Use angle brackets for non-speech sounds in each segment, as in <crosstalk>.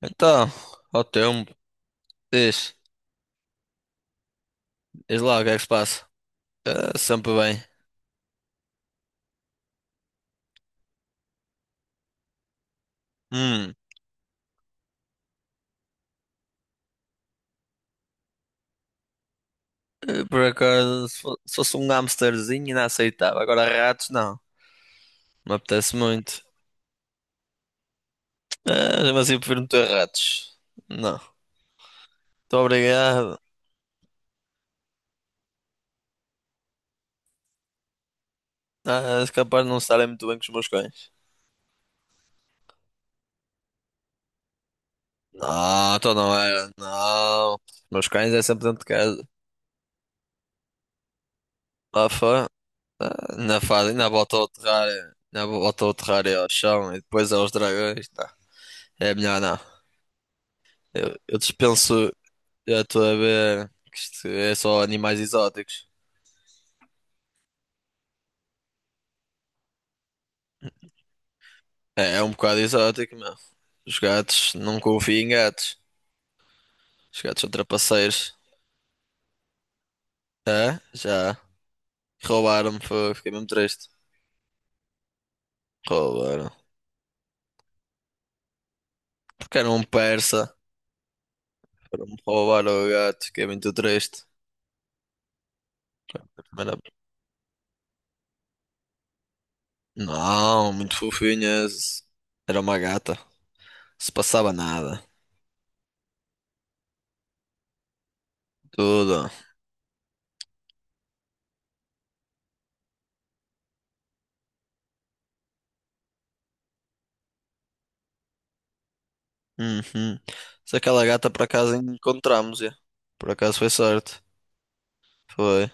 Então, ao tempo, diz, diz lá o que é que se passa. Ah, sempre bem. Hum, por acaso, se fosse um hamsterzinho ainda aceitava. Agora ratos, não. Não me apetece muito. Ah, mas eu prefiro não ter ratos. Não. Muito obrigado. Ah, és capaz de não estarem muito bem com os meus cães. Não, então não era. Não. Os meus cães é sempre dentro de casa. Lá fora, na fase, ainda bota o terrário. Ainda bota o terrário ao chão e depois aos dragões. Tá. É melhor não. Eu dispenso, já estou a ver que isto é só animais exóticos. É um bocado exótico, meu. Os gatos, não confio em gatos. Os gatos são trapaceiros. É? Já. Roubaram-me, fiquei mesmo triste. Roubaram. Porque era um persa. Foram-me roubar o gato, fiquei muito triste. Era- Não, muito fofinhas. Era uma gata. Se passava nada. Tudo. Uhum. Se aquela gata por acaso encontramos, já. Por acaso foi sorte. Foi.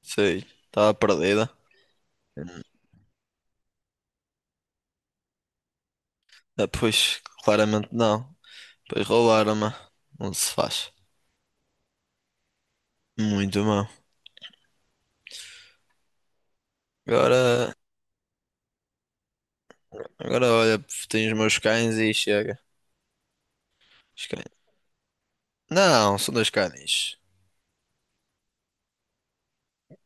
Sei, estava perdida. Ah, pois, claramente não. Pois roubaram-me. Não se faz. Muito mal. Agora, agora olha, tenho os meus cães e chega. Os cães. Não, são dois cães.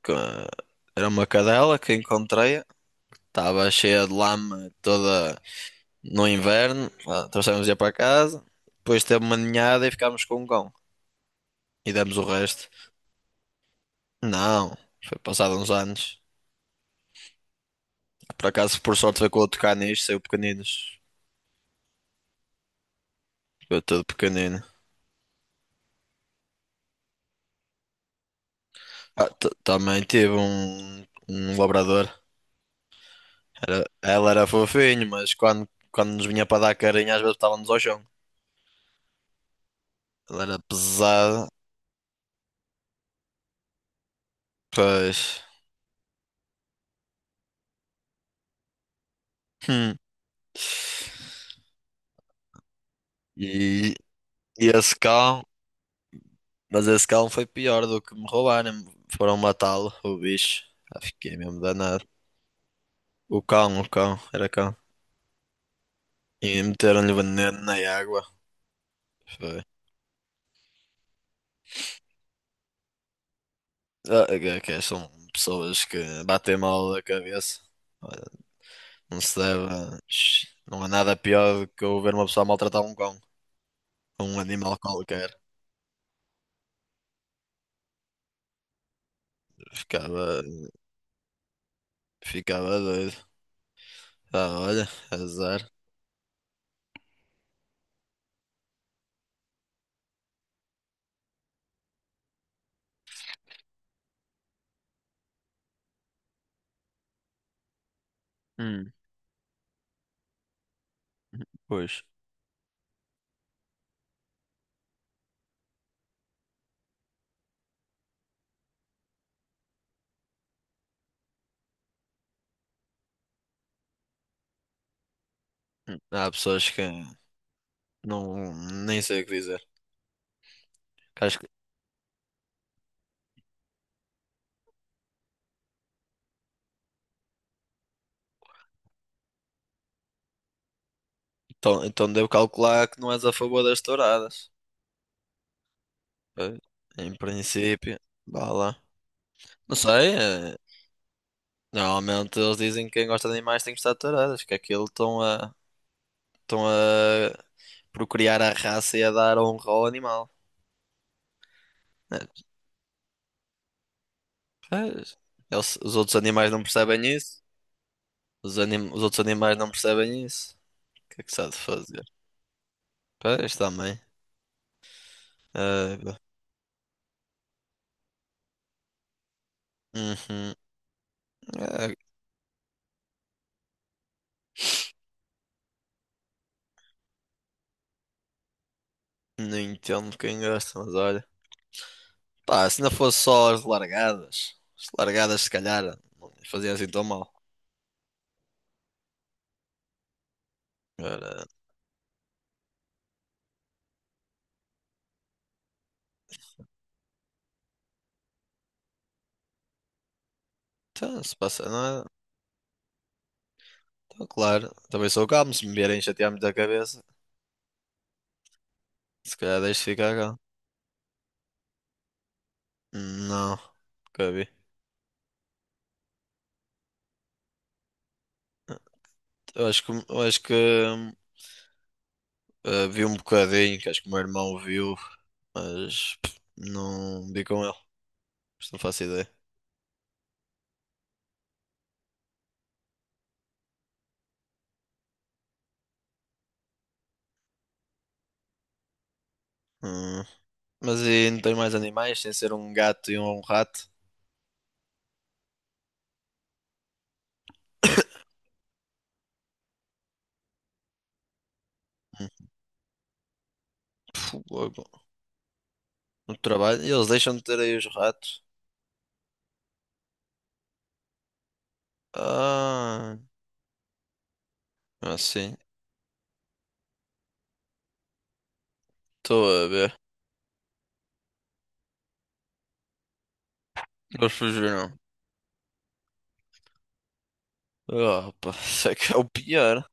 Co- Era uma cadela que encontrei. Estava cheia de lama toda no inverno. Ah, trouxemos-a para casa. Depois teve uma ninhada e ficámos com um cão. E demos o resto. Não, foi passado uns anos. Por acaso, por sorte, foi com outro caniche, saiu pequeninos. Eu todo pequenino. Ah, também tive um labrador. Ela era fofinho, mas quando nos vinha para dar carinho, às vezes estávamos ao chão. Ela era pesada, pois. Hum. E, e esse cão, mas esse cão foi pior do que me roubarem. Foram matá-lo, o bicho. Ah, fiquei mesmo danado. O cão, era cão. E meteram-lhe veneno na água. Foi. Ah, que são pessoas que batem mal da cabeça. Não se deve. Não há nada pior do que eu ver uma pessoa maltratar um cão, um animal qualquer. Ficava, ficava doido. Ah, olha, azar. Hum, pois. Há pessoas que não, nem sei o que dizer. Que Acho que, então, então devo calcular que não és a favor das touradas. Pois, em princípio, vá lá. Não sei, normalmente eles dizem que quem gosta de animais tem que gostar de touradas, que é aquilo estão a procriar a raça e a dar honra ao animal. É, pois. Os outros animais não percebem isso. Os outros animais não percebem isso. O que é que se há de fazer? Pois, também. Ah, pá. Uhum. Ah, não entendo quem gosta, mas olha. Pá, se não fosse só as largadas. As largadas, se calhar, não faziam assim tão mal. Agora, então, se passa, não é? Então, claro. Também sou calmo. Se me vierem chatear-me da cabeça, se calhar deixo ficar calmo. Não, nunca vi. Eu acho que. Vi um bocadinho, que acho que o meu irmão viu, mas não vi com ele, por isso não faço ideia. Hum. Mas e não tenho mais animais, sem ser um gato e um rato. <coughs> Pô, logo, no trabalho, e eles deixam de ter aí os ratos. Ah, assim, estou a ver. Eles fugiram. Opa, <laughs> isso é que é o pior.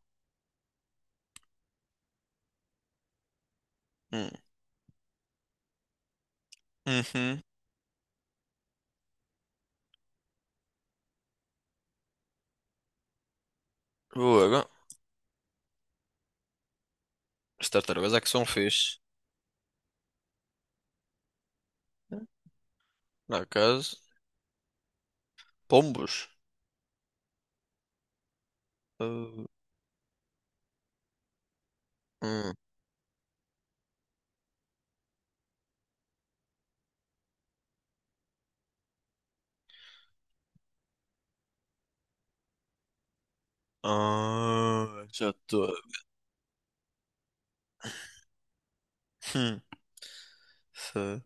Hum. Uhum. Logo, as tartarugas é que são fixe. Na casa, pombos. Ah, hum. Ah, já estou. Hum, Sei.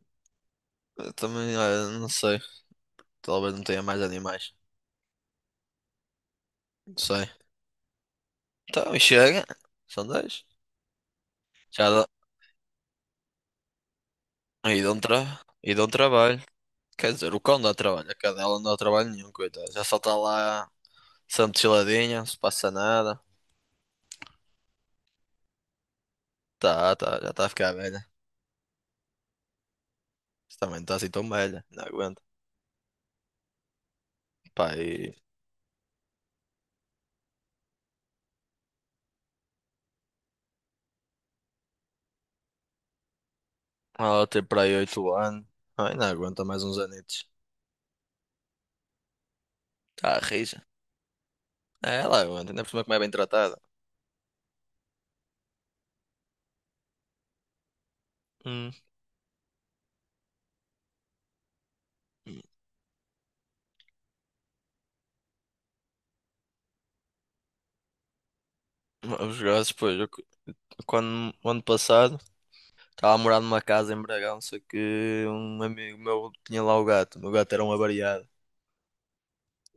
Eu também, olha, não sei. Talvez não tenha mais animais. Não sei. Então, e chega. São 10. Já dá. E dão, tra... e dão trabalho. Quer dizer, o cão dá trabalho. A cadela não dá trabalho nenhum, coitada. Já só está lá, sempre chiladinha, não se passa nada. Tá, tá, já está a ficar velha. Também não está assim tão velha. Não aguenta. Pá, e. Ela tem para aí 8 anos. Ai, não aguenta mais uns anitos. Tá a rija. É, ela aguenta. Ainda por cima como é bem tratada. Hum. Os gajos, pois. Quando, o ano passado, estava a morar numa casa em Bragão, só que um amigo meu tinha lá o gato. O meu gato era um avariado.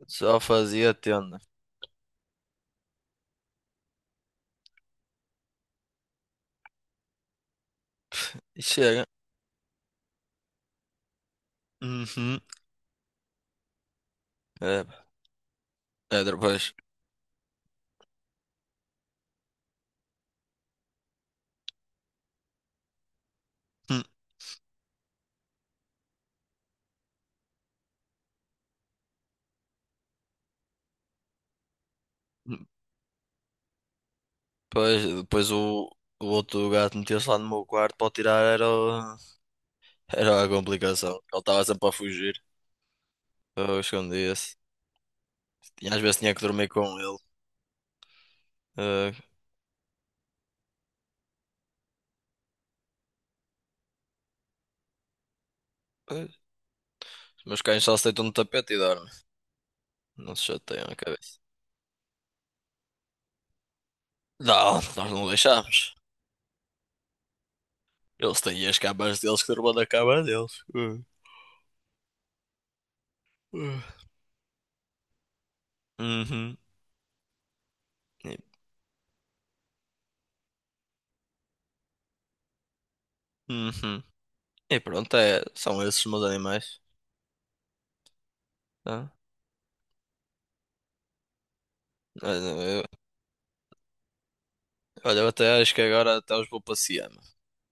Só fazia tenda. E chega. Uhum. É, é, depois. Hum, hum. Depois o outro gato meteu-se lá no meu quarto para o tirar. Era a complicação. Ele estava sempre a fugir. Eu escondia-se. E às vezes tinha que dormir com ele. Eh, eh, os meus cães só se deitam no tapete e dormem. Não se chateiam a cabeça. Não, nós não deixámos. Eles têm as camas deles que dormam na cama deles. Uh. Uhum. E, uhum. E pronto, são esses os meus animais. Tá? Olha, eu, olha, eu até acho que agora até os vou passear, mano.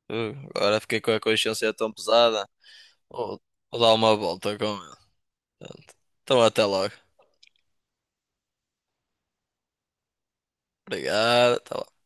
Agora fiquei com a consciência tão pesada. Vou, vou dar uma volta com ele. Pronto. Então até logo. Obrigado. Até